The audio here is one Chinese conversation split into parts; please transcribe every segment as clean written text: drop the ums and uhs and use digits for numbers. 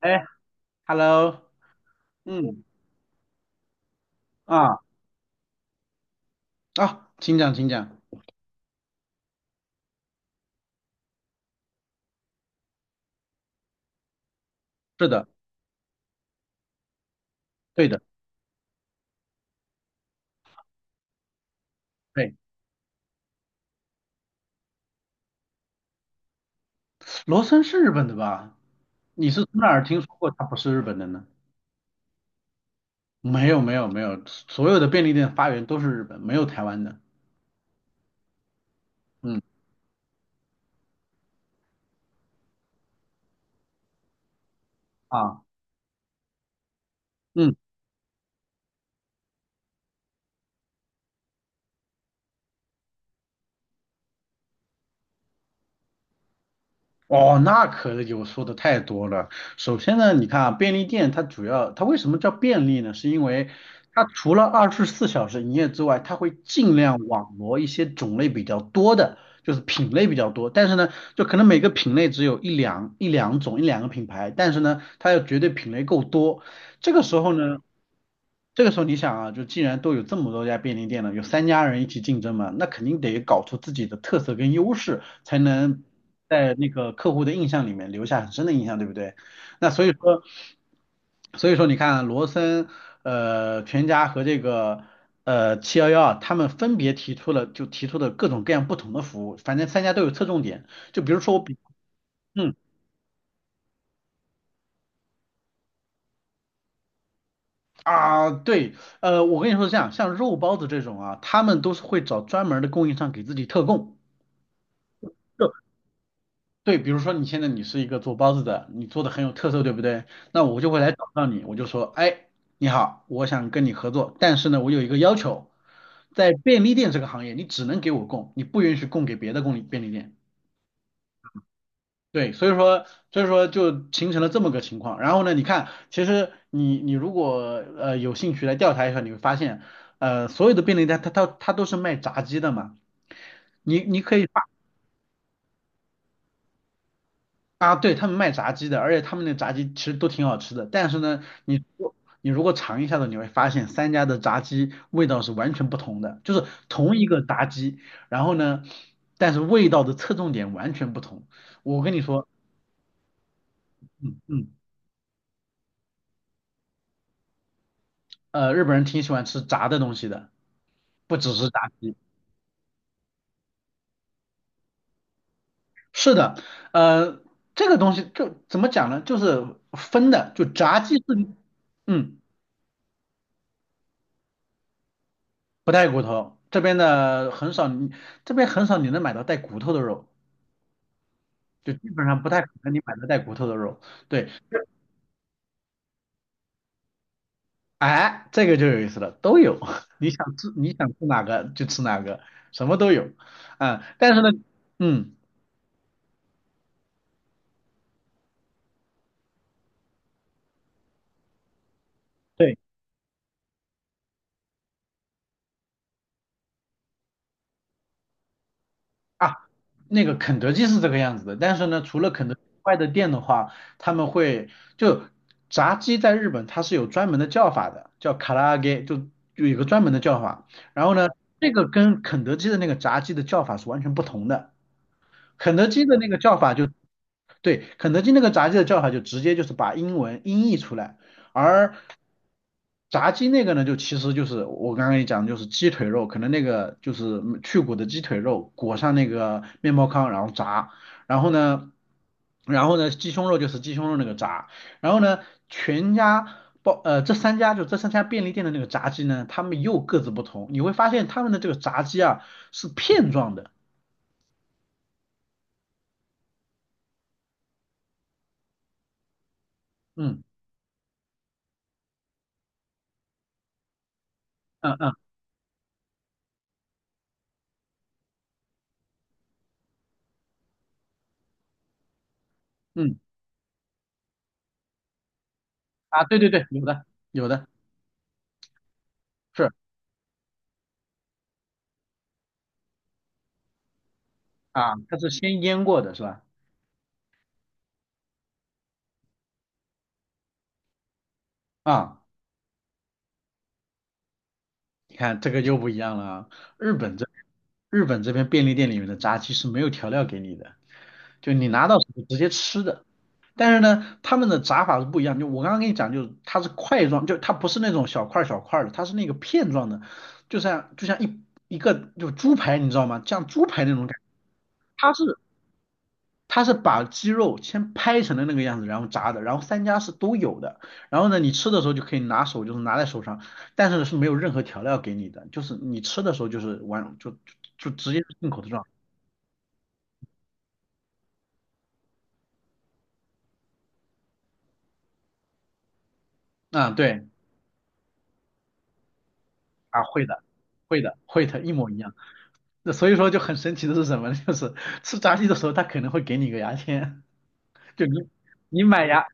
哎，Hello，嗯，啊啊，请讲，请讲。是的。对的。对。罗森是日本的吧？你是从哪儿听说过它不是日本的呢？没有，没有，没有，所有的便利店发源都是日本，没有台湾的。嗯。啊，嗯。哦，那可有说的太多了。首先呢，你看啊，便利店它主要它为什么叫便利呢？是因为它除了24小时营业之外，它会尽量网罗一些种类比较多的，就是品类比较多。但是呢，就可能每个品类只有一两种一两个品牌，但是呢，它要绝对品类够多。这个时候呢，这个时候你想啊，就既然都有这么多家便利店了，有三家人一起竞争嘛，那肯定得搞出自己的特色跟优势，才能在那个客户的印象里面留下很深的印象，对不对？那所以说你看啊，罗森、全家和这个七幺幺啊，他们分别提出了就提出的各种各样不同的服务，反正三家都有侧重点。就比如说我比，嗯。啊对，我跟你说是这样，像肉包子这种啊，他们都是会找专门的供应商给自己特供。对，比如说你现在你是一个做包子的，你做的很有特色，对不对？那我就会来找到你，我就说，哎，你好，我想跟你合作，但是呢，我有一个要求，在便利店这个行业，你只能给我供，你不允许供给别的便利店。对，所以说就形成了这么个情况。然后呢，你看，其实你你如果有兴趣来调查一下，你会发现，所有的便利店它都是卖炸鸡的嘛，你你可以。啊，对，他们卖炸鸡的，而且他们那个炸鸡其实都挺好吃的。但是呢，你如果尝一下子，你会发现三家的炸鸡味道是完全不同的，就是同一个炸鸡，然后呢，但是味道的侧重点完全不同。我跟你说，嗯嗯，日本人挺喜欢吃炸的东西的，不只是炸鸡。是的，呃，这个东西就怎么讲呢？就是分的，就炸鸡是，嗯，不带骨头，这边很少你能买到带骨头的肉。就基本上不太可能你买到带骨头的肉。对，哎，这个就有意思了，都有，你想吃哪个就吃哪个，什么都有。嗯，但是呢，嗯，对啊，那个肯德基是这个样子的，但是呢，除了肯德基外的店的话，他们会就炸鸡在日本它是有专门的叫法的，叫卡拉揚，就就有一个专门的叫法。然后呢，这个跟肯德基的那个炸鸡的叫法是完全不同的。肯德基的那个叫法就对，肯德基那个炸鸡的叫法就直接就是把英文音译出来，而炸鸡那个呢，就其实就是我刚刚跟你讲的，就是鸡腿肉，可能那个就是去骨的鸡腿肉裹上那个面包糠，然后炸，然后呢，然后呢，鸡胸肉就是鸡胸肉那个炸，然后呢，全家包呃这三家，这三家便利店的那个炸鸡呢，他们又各自不同，你会发现他们的这个炸鸡啊是片状的。嗯嗯嗯嗯啊，对对对，有的有的。是。啊，它是先腌过的是吧？啊，你看这个就不一样了啊。日本这日本这边便利店里面的炸鸡是没有调料给你的，就你拿到手就直接吃的。但是呢，他们的炸法是不一样。就我刚刚跟你讲，就是它是块状，就它不是那种小块儿小块儿的，它是那个片状的，就像就像一个猪排，你知道吗？像猪排那种感觉。它是它是把鸡肉先拍成了那个样子，然后炸的，然后三家是都有的。然后呢，你吃的时候就可以拿手，就是拿在手上，但是是没有任何调料给你的，就是你吃的时候就是完就就就直接进口的状态。啊，对啊，会的，会的，会的，一模一样。那所以说就很神奇的是什么呢 就是吃炸鸡的时候，他可能会给你个牙签，就你你买牙，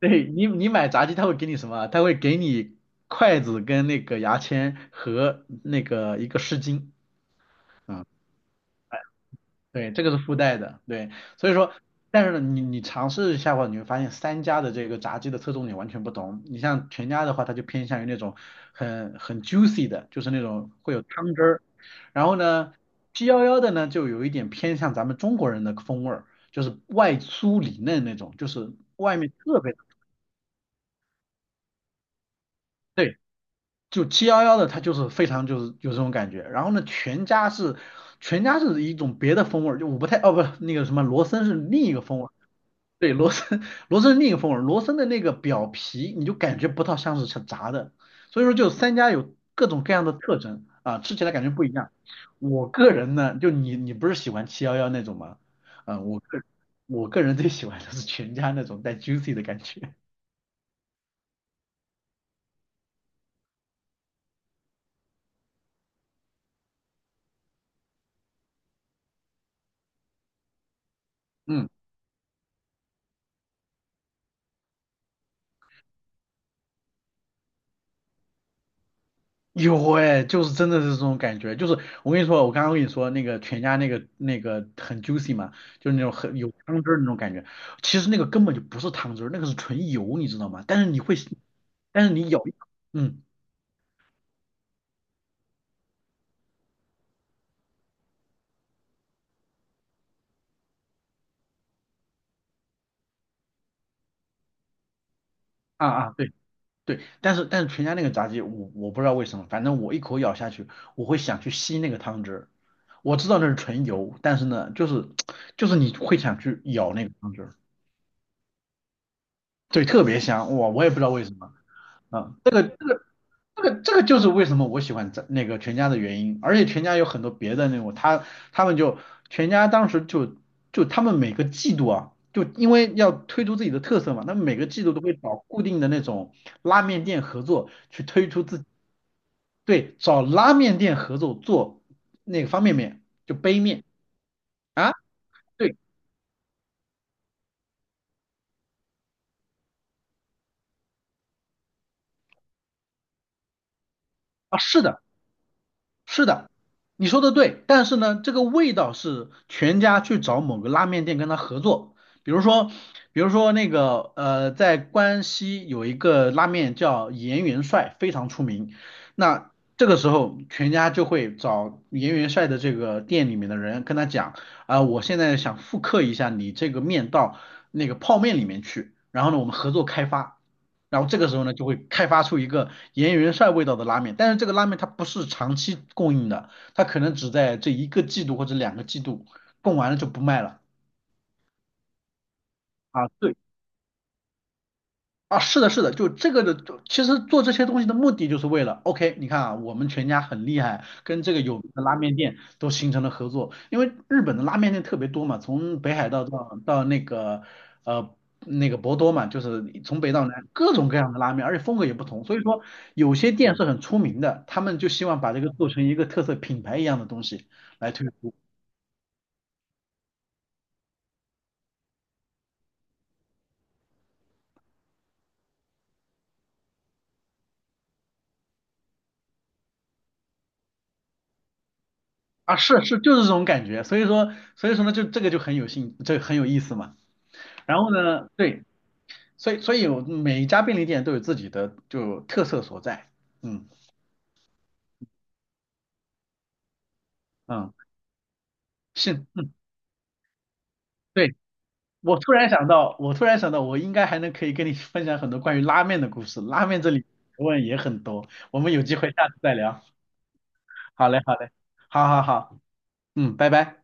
对，你你买炸鸡，他会给你什么？他会给你筷子跟那个牙签和那个一个湿巾。啊，对，这个是附带的，对，所以说，但是呢，你你尝试一下的话，你会发现三家的这个炸鸡的侧重点完全不同。你像全家的话，它就偏向于那种很很 juicy 的，就是那种会有汤汁儿。然后呢，七幺幺的呢，就有一点偏向咱们中国人的风味儿，就是外酥里嫩那种，就是外面特别对，就七幺幺的它就是非常就是有这种感觉。然后呢，全家是一种别的风味儿，就我不太，哦不那个什么罗森是另一个风味儿。对，罗森，罗森是另一风味儿，罗森的那个表皮你就感觉不到像是炸的，所以说就三家有各种各样的特征啊，吃起来感觉不一样。我个人呢，就你你不是喜欢七幺幺那种吗？啊，我个我个人最喜欢的是全家那种带 juicy 的感觉。嗯。有哎，就是真的是这种感觉，就是我跟你说，我刚刚跟你说那个全家那个那个很 juicy 嘛，就是那种很有汤汁儿那种感觉，其实那个根本就不是汤汁儿，那个是纯油，你知道吗？但是你咬一口，嗯，啊啊，对对，但是但是全家那个炸鸡，我我不知道为什么，反正我一口咬下去，我会想去吸那个汤汁儿，我知道那是纯油，但是呢，就是你会想去咬那个汤汁儿，对，特别香，哇，我也不知道为什么，啊。这个这个就是为什么我喜欢在那个全家的原因，而且全家有很多别的那种，他他们就全家当时就他们每个季度啊，就因为要推出自己的特色嘛，他们每个季度都会找固定的那种拉面店合作去推出自己，对，找拉面店合作做那个方便面，就杯面。啊，对啊，是的。是的，你说的对，但是呢，这个味道是全家去找某个拉面店跟他合作，比如说，比如说那个在关西有一个拉面叫盐元帅，非常出名。那这个时候，全家就会找盐元帅的这个店里面的人跟他讲，啊、我现在想复刻一下你这个面到那个泡面里面去，然后呢，我们合作开发。然后这个时候呢，就会开发出一个盐源帅味道的拉面，但是这个拉面它不是长期供应的，它可能只在这一个季度或者2个季度，供完了就不卖了啊。对，啊，是的，是的，就其实做这些东西的目的就是为了，OK，你看啊，我们全家很厉害，跟这个有名的拉面店都形成了合作，因为日本的拉面店特别多嘛，从北海道到那个呃那个博多嘛，就是从北到南各种各样的拉面，而且风格也不同，所以说有些店是很出名的，他们就希望把这个做成一个特色品牌一样的东西来推出。啊，是是，就是这种感觉，所以说呢，就这个就很有兴，这很有意思嘛。然后呢，对，所以我每一家便利店都有自己的就特色所在，嗯嗯，是嗯，对，我突然想到，我应该还能可以跟你分享很多关于拉面的故事，拉面这里学问也很多，我们有机会下次再聊，好嘞好嘞，好好好，嗯，拜拜。